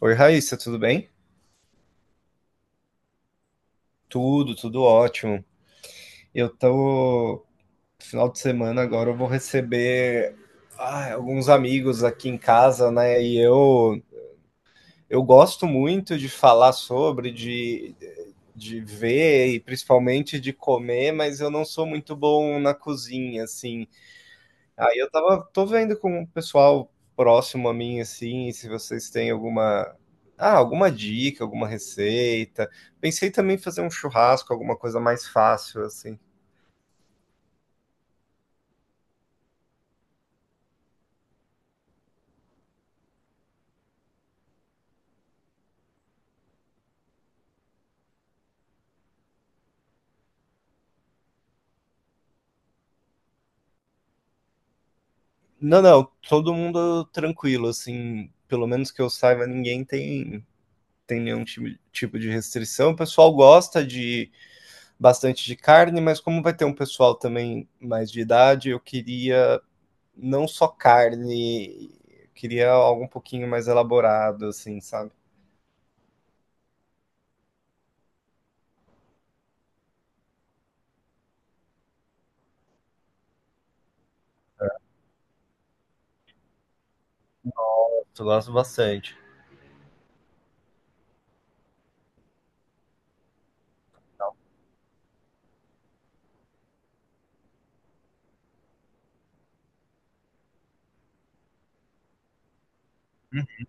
Oi, Raíssa, tudo bem? Tudo, tudo ótimo. Eu tô. Final de semana agora eu vou receber alguns amigos aqui em casa, né? E eu gosto muito de falar de ver e principalmente de comer, mas eu não sou muito bom na cozinha, assim. Aí eu tava tô vendo com o pessoal próximo a mim, assim, se vocês têm alguma dica, alguma receita. Pensei também em fazer um churrasco, alguma coisa mais fácil, assim. Não, não, todo mundo tranquilo, assim, pelo menos que eu saiba, ninguém tem nenhum tipo de restrição. O pessoal gosta de bastante de carne, mas como vai ter um pessoal também mais de idade, eu queria não só carne. Queria algo um pouquinho mais elaborado, assim, sabe? Eu gosto bastante. Hum.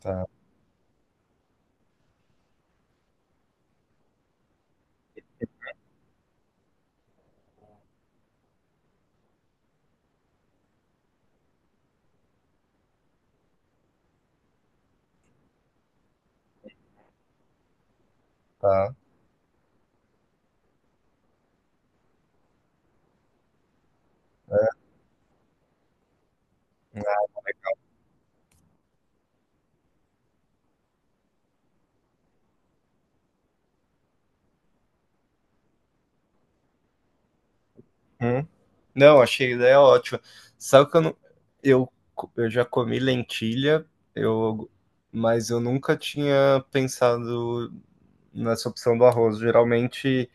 Tá, tá. Uhum. Não, achei a ideia ótima. Sabe que eu não. Eu, eu já comi lentilha, eu, mas eu nunca tinha pensado nessa opção do arroz. Geralmente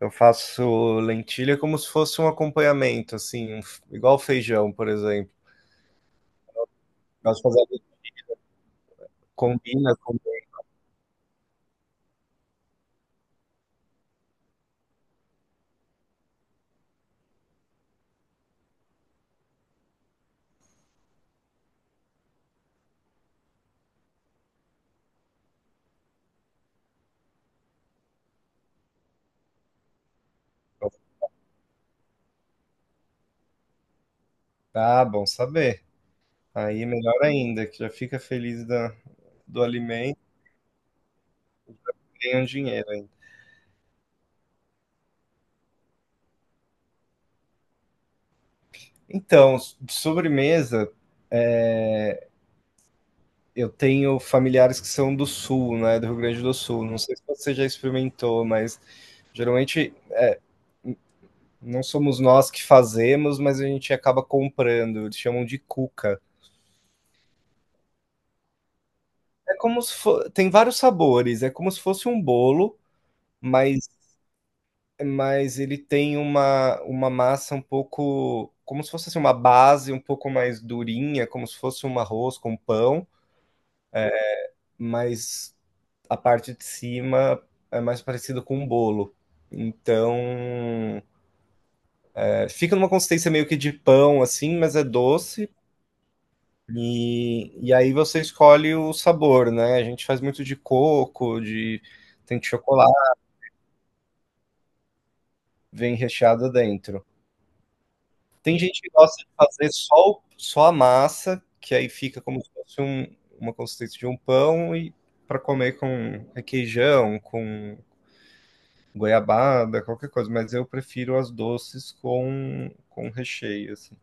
eu faço lentilha como se fosse um acompanhamento, assim, um igual feijão, por exemplo. Posso fazer combina com. Ah, bom saber. Aí melhor ainda, que já fica feliz da, do alimento e ganha um dinheiro ainda. Então, de sobremesa, é, eu tenho familiares que são do sul, né, do Rio Grande do Sul. Não sei se você já experimentou, mas geralmente não somos nós que fazemos, mas a gente acaba comprando. Eles chamam de cuca. É como se fo... tem vários sabores, é como se fosse um bolo, mas ele tem uma massa um pouco, como se fosse assim, uma base um pouco mais durinha, como se fosse um arroz com pão, mas a parte de cima é mais parecido com um bolo. Então, fica numa consistência meio que de pão, assim, mas é doce. E aí você escolhe o sabor, né? A gente faz muito de coco, de tem de chocolate, vem recheado dentro. Tem gente que gosta de fazer só a massa, que aí fica como se fosse uma consistência de um pão e para comer com requeijão, com goiabada, qualquer coisa, mas eu prefiro as doces com recheio, assim.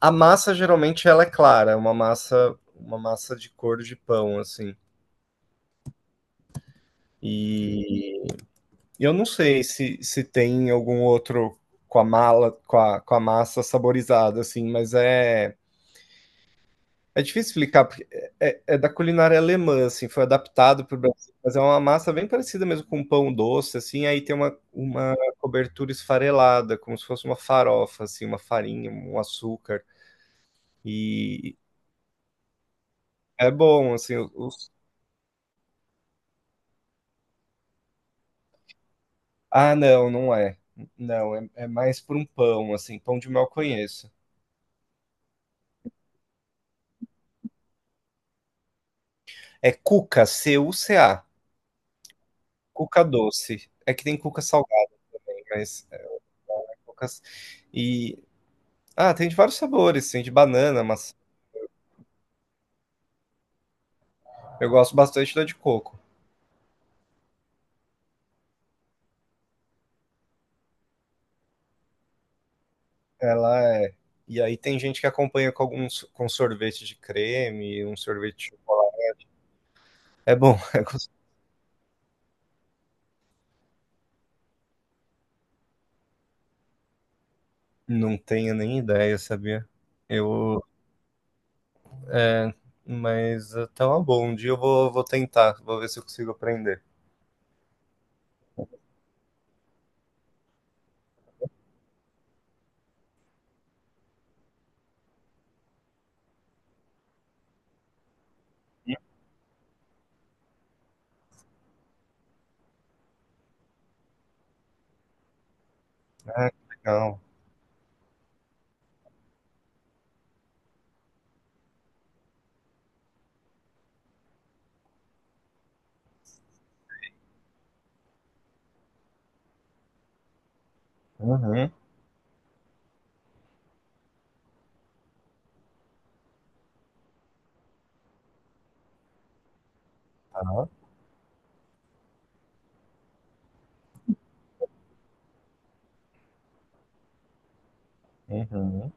A massa geralmente ela é clara, é uma massa de cor de pão, assim. E eu não sei se, se tem algum outro com a mala, com a massa saborizada, assim, mas é é, difícil explicar, porque É da culinária alemã, assim, foi adaptado para o Brasil, mas é uma massa bem parecida mesmo com um pão doce, assim, aí tem uma cobertura esfarelada, como se fosse uma farofa, assim, uma farinha, um açúcar, e é bom, assim, os... Ah, não, não é. Não, é, é mais por um pão, assim, pão de mel eu conheço. É cuca, CUCA, cuca doce. É que tem cuca salgada, aí, mas é cuca... E... Ah, tem de vários sabores, tem de banana, maçã. Eu gosto bastante da de coco. Ela é. E aí tem gente que acompanha com alguns com sorvete de creme, um sorvete de chocolate. É bom, é gostoso. Não tenho nem ideia, sabia? Eu. É, mas tá uma boa. Um dia eu vou, vou tentar, vou ver se eu consigo aprender. Ah, que legal. Uhum. Tá. Uhum.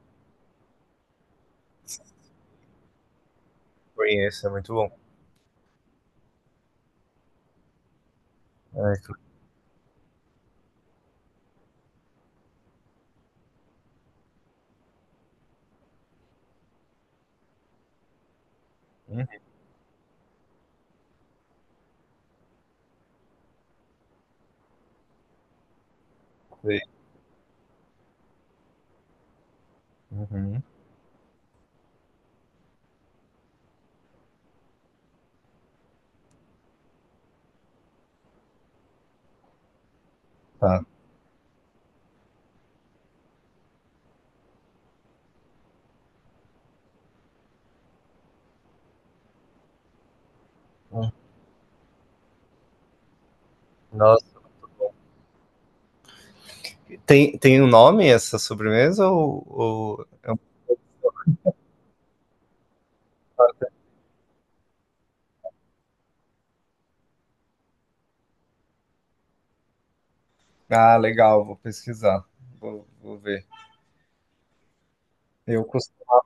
Conheço, é muito bom. É, que- uhum. Sei. Uhum. Tá. Uhum. Nossa, tem um nome essa sobremesa ou Ah, legal, vou pesquisar. Vou ver. Eu costumava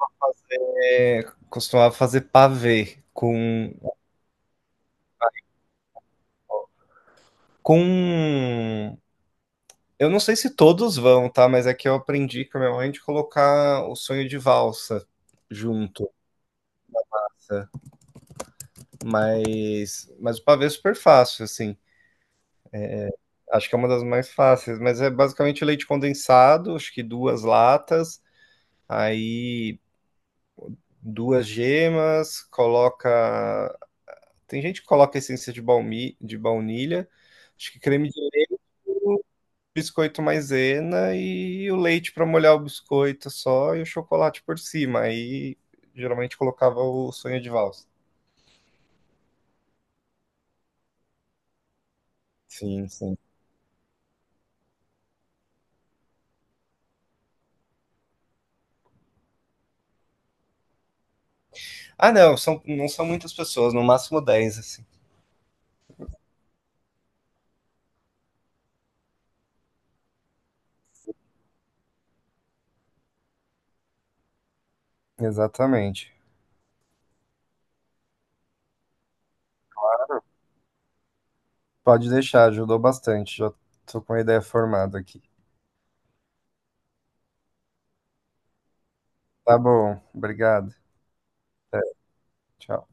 fazer pavê com, com. Eu não sei se todos vão, tá? Mas é que eu aprendi com a minha mãe de colocar o sonho de valsa junto, tá? Mas o pavê é super fácil, assim. Acho que é uma das mais fáceis, mas é basicamente leite condensado, acho que duas latas, aí duas gemas, coloca. Tem gente que coloca essência de baunilha, acho que creme de leite, biscoito maisena e o leite para molhar o biscoito só e o chocolate por cima. Aí geralmente colocava o sonho de valsa. Sim, sim. Ah, não, são, não são muitas pessoas, no máximo 10 assim. Exatamente. Pode deixar, ajudou bastante. Já tô com a ideia formada aqui. Tá bom, obrigado. Até, tchau.